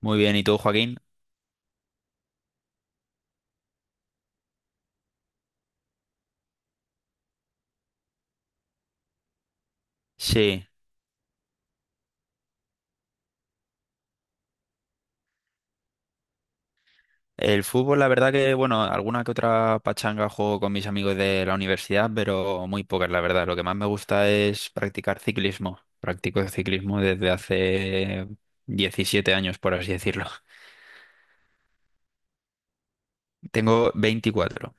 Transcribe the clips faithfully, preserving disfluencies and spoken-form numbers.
Muy bien, ¿y tú, Joaquín? Sí, el fútbol, la verdad que, bueno, alguna que otra pachanga juego con mis amigos de la universidad, pero muy pocas, la verdad. Lo que más me gusta es practicar ciclismo. Practico ciclismo desde hace diecisiete años, por así decirlo. Tengo veinticuatro.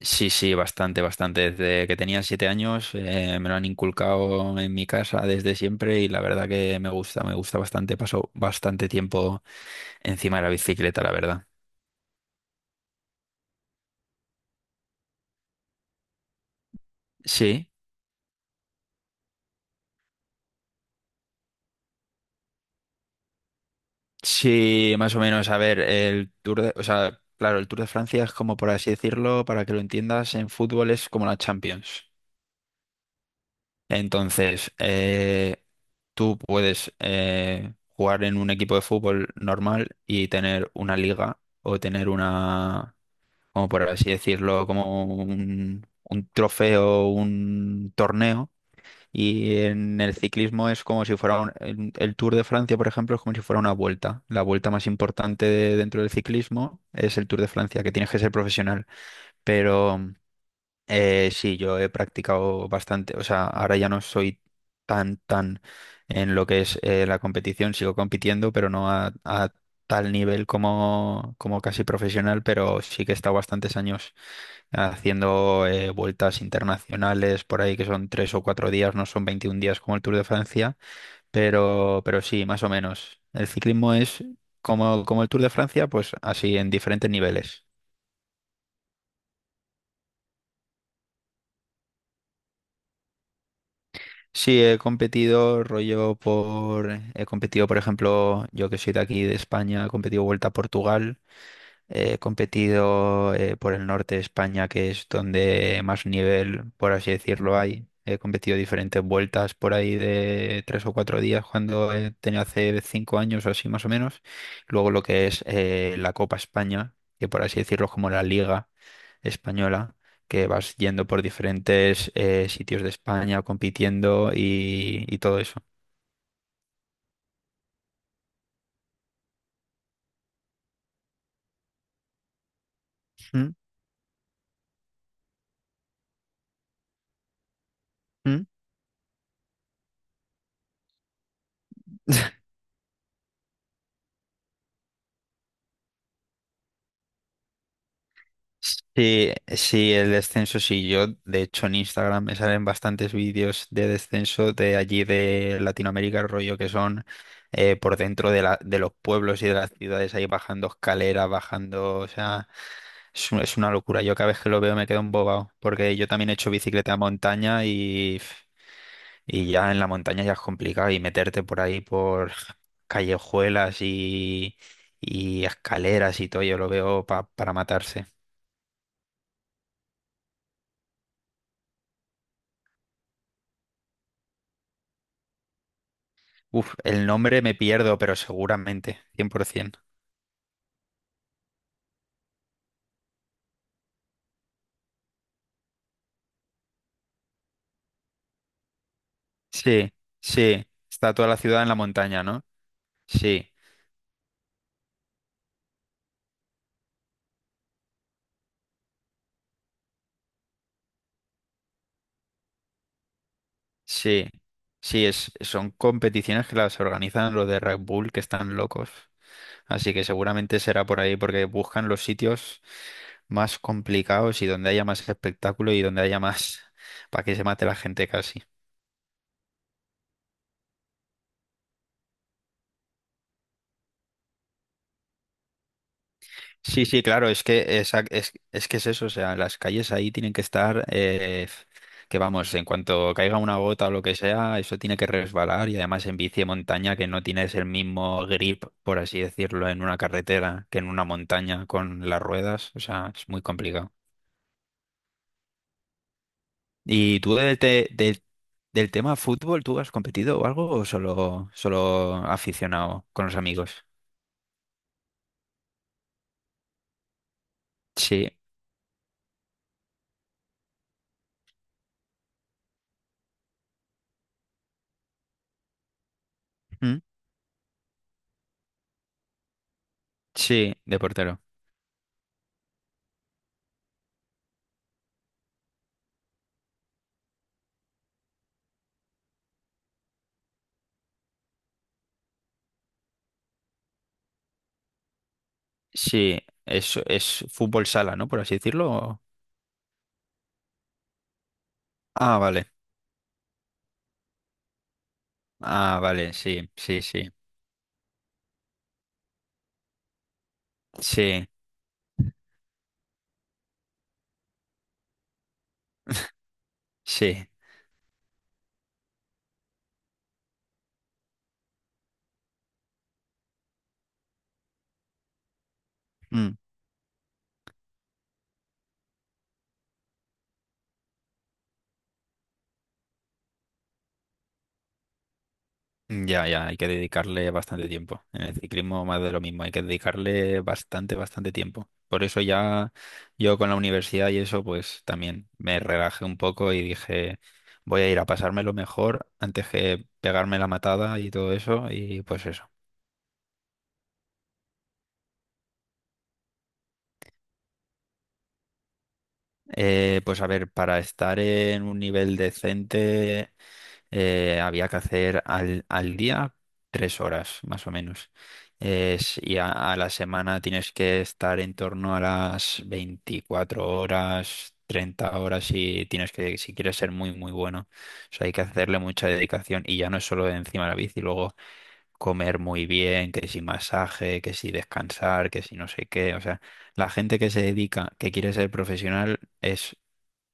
Sí, sí, bastante, bastante. Desde que tenía siete años, eh, me lo han inculcado en mi casa desde siempre y la verdad que me gusta, me gusta bastante. Paso bastante tiempo encima de la bicicleta, la verdad. Sí. Sí, más o menos. A ver, el Tour de, o sea, claro, el Tour de Francia es como, por así decirlo, para que lo entiendas, en fútbol es como la Champions. Entonces, eh, tú puedes eh, jugar en un equipo de fútbol normal y tener una liga o tener una, como por así decirlo, como un, un trofeo, un torneo y en el ciclismo es como si fuera un- en- el Tour de Francia, por ejemplo, es como si fuera una vuelta. La vuelta más importante de- dentro del ciclismo es el Tour de Francia, que tienes que ser profesional. Pero eh, sí, yo he practicado bastante. O sea, ahora ya no soy tan, tan en lo que es eh, la competición. Sigo compitiendo, pero no a, a tal nivel como, como casi profesional. Pero sí que he estado bastantes años haciendo eh, vueltas internacionales por ahí que son tres o cuatro días, no son veintiún días como el Tour de Francia, pero, pero sí, más o menos. El ciclismo es como, como el Tour de Francia, pues así en diferentes niveles. Sí, he competido rollo por, he competido, por ejemplo, yo que soy de aquí de España, he competido Vuelta a Portugal, he competido eh, por el norte de España, que es donde más nivel, por así decirlo, hay. He competido diferentes vueltas por ahí de tres o cuatro días cuando eh, tenía hace cinco años o así más o menos. Luego lo que es eh, la Copa España, que por así decirlo es como la Liga Española, que vas yendo por diferentes eh, sitios de España compitiendo y, y todo eso. ¿Mm? ¿Mm? Sí, sí, el descenso sí. Yo, de hecho, en Instagram me salen bastantes vídeos de descenso de allí de Latinoamérica, el rollo que son eh, por dentro de la, de los pueblos y de las ciudades, ahí bajando escaleras, bajando, o sea, es, un- es una locura. Yo cada vez que lo veo me quedo embobado, porque yo también he hecho bicicleta a montaña y, y ya en la montaña ya es complicado y meterte por ahí por callejuelas y, y escaleras y todo, yo lo veo pa- para matarse. Uf, el nombre me pierdo, pero seguramente, cien por ciento. Sí, sí, está toda la ciudad en la montaña, ¿no? Sí, sí, sí, es, son competiciones que las organizan los de Red Bull, que están locos. Así que seguramente será por ahí, porque buscan los sitios más complicados y donde haya más espectáculo y donde haya más para que se mate la gente casi. Sí, sí, claro, es que esa- es, es que es eso, o sea, las calles ahí tienen que estar, eh, que vamos, en cuanto caiga una gota o lo que sea, eso tiene que resbalar y además en bici de montaña que no tienes el mismo grip, por así decirlo, en una carretera que en una montaña con las ruedas, o sea, es muy complicado. ¿Y tú del, te- del, del tema fútbol, tú has competido o algo o solo, solo aficionado con los amigos? Sí. ¿Mm? Sí, de portero. Sí, es, es fútbol sala, ¿no? Por así decirlo. o- Ah, vale. Ah, vale, sí, sí, sí. Sí, sí. Mm. Ya, ya, hay que dedicarle bastante tiempo. En el ciclismo más de lo mismo, hay que dedicarle bastante, bastante tiempo. Por eso ya yo con la universidad y eso, pues también me relajé un poco y dije, voy a ir a pasármelo mejor antes que pegarme la matada y todo eso. Y pues eso. Eh, pues a ver, para estar en un nivel decente. Eh, había que hacer al, al día tres horas, más o menos. Es- y a, a la semana tienes que estar en torno a las veinticuatro horas, treinta horas y tienes que, si quieres ser muy, muy bueno. O sea, hay que hacerle mucha dedicación y ya no es solo encima de la bici, luego comer muy bien, que si masaje, que si descansar, que si no sé qué. O sea, la gente que se dedica, que quiere ser profesional, es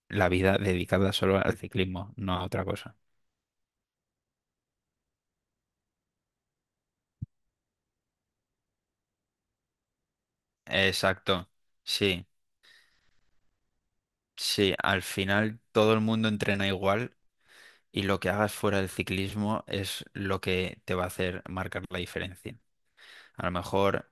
la vida dedicada solo al ciclismo, no a otra cosa. Exacto, sí, sí, al final todo el mundo entrena igual y lo que hagas fuera del ciclismo es lo que te va a hacer marcar la diferencia. A lo mejor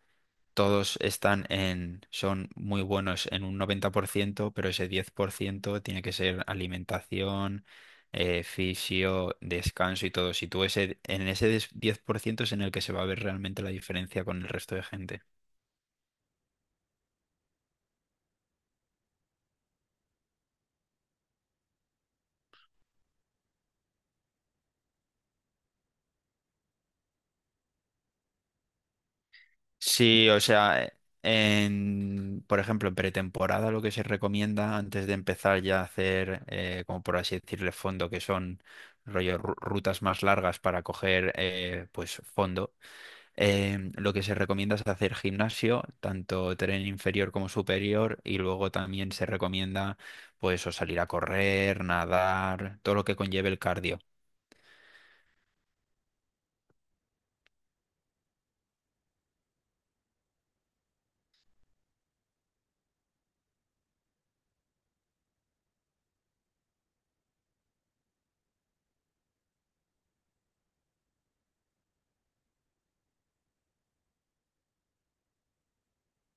todos están en, son muy buenos en un noventa por ciento, pero ese diez por ciento tiene que ser alimentación, eh, fisio, descanso y todo. Si tú ese, en ese des- diez por ciento es en el que se va a ver realmente la diferencia con el resto de gente. Sí, o sea, e- en, por ejemplo, en pretemporada lo que se recomienda antes de empezar ya a hacer, eh, como por así decirle, fondo, que son rollo ru- rutas más largas para coger eh, pues fondo, em, lo que se recomienda es hacer gimnasio, tanto tren inferior como superior, y luego también se recomienda pues o salir a correr, nadar, todo lo que conlleve el cardio.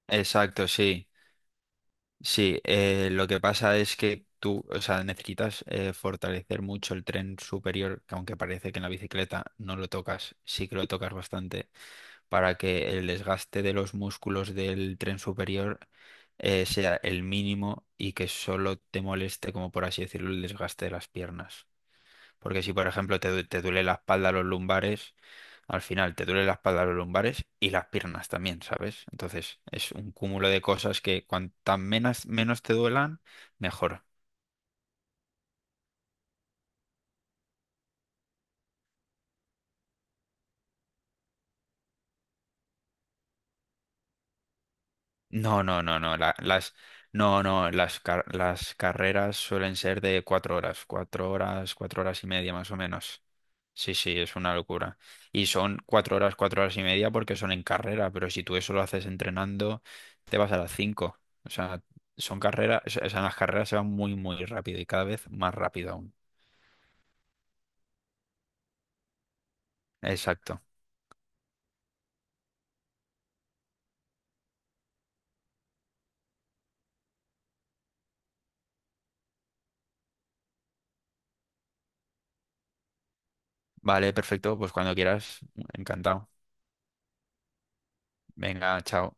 Exacto, sí. Sí, eh, lo que pasa es que tú, o sea, necesitas eh, fortalecer mucho el tren superior, que aunque parece que en la bicicleta no lo tocas, sí que lo tocas bastante, para que el desgaste de los músculos del tren superior eh, sea el mínimo y que solo te moleste, como por así decirlo, el desgaste de las piernas. Porque si, por ejemplo, te, du- te duele la espalda, los lumbares, al final te duele la espalda, los lumbares y las piernas también, ¿sabes? Entonces es un cúmulo de cosas que cuantas menos, menos te duelan, mejor. No, no, no, no. La- las, no, no. Las, car- las carreras suelen ser de cuatro horas, cuatro horas, cuatro horas y media más o menos. Sí, sí, es una locura. Y son cuatro horas, cuatro horas y media porque son en carrera, pero si tú eso lo haces entrenando, te vas a las cinco. O sea, son carreras, o sea, las carreras se van muy, muy rápido y cada vez más rápido aún. Exacto. Vale, perfecto. Pues cuando quieras, encantado. Venga, chao.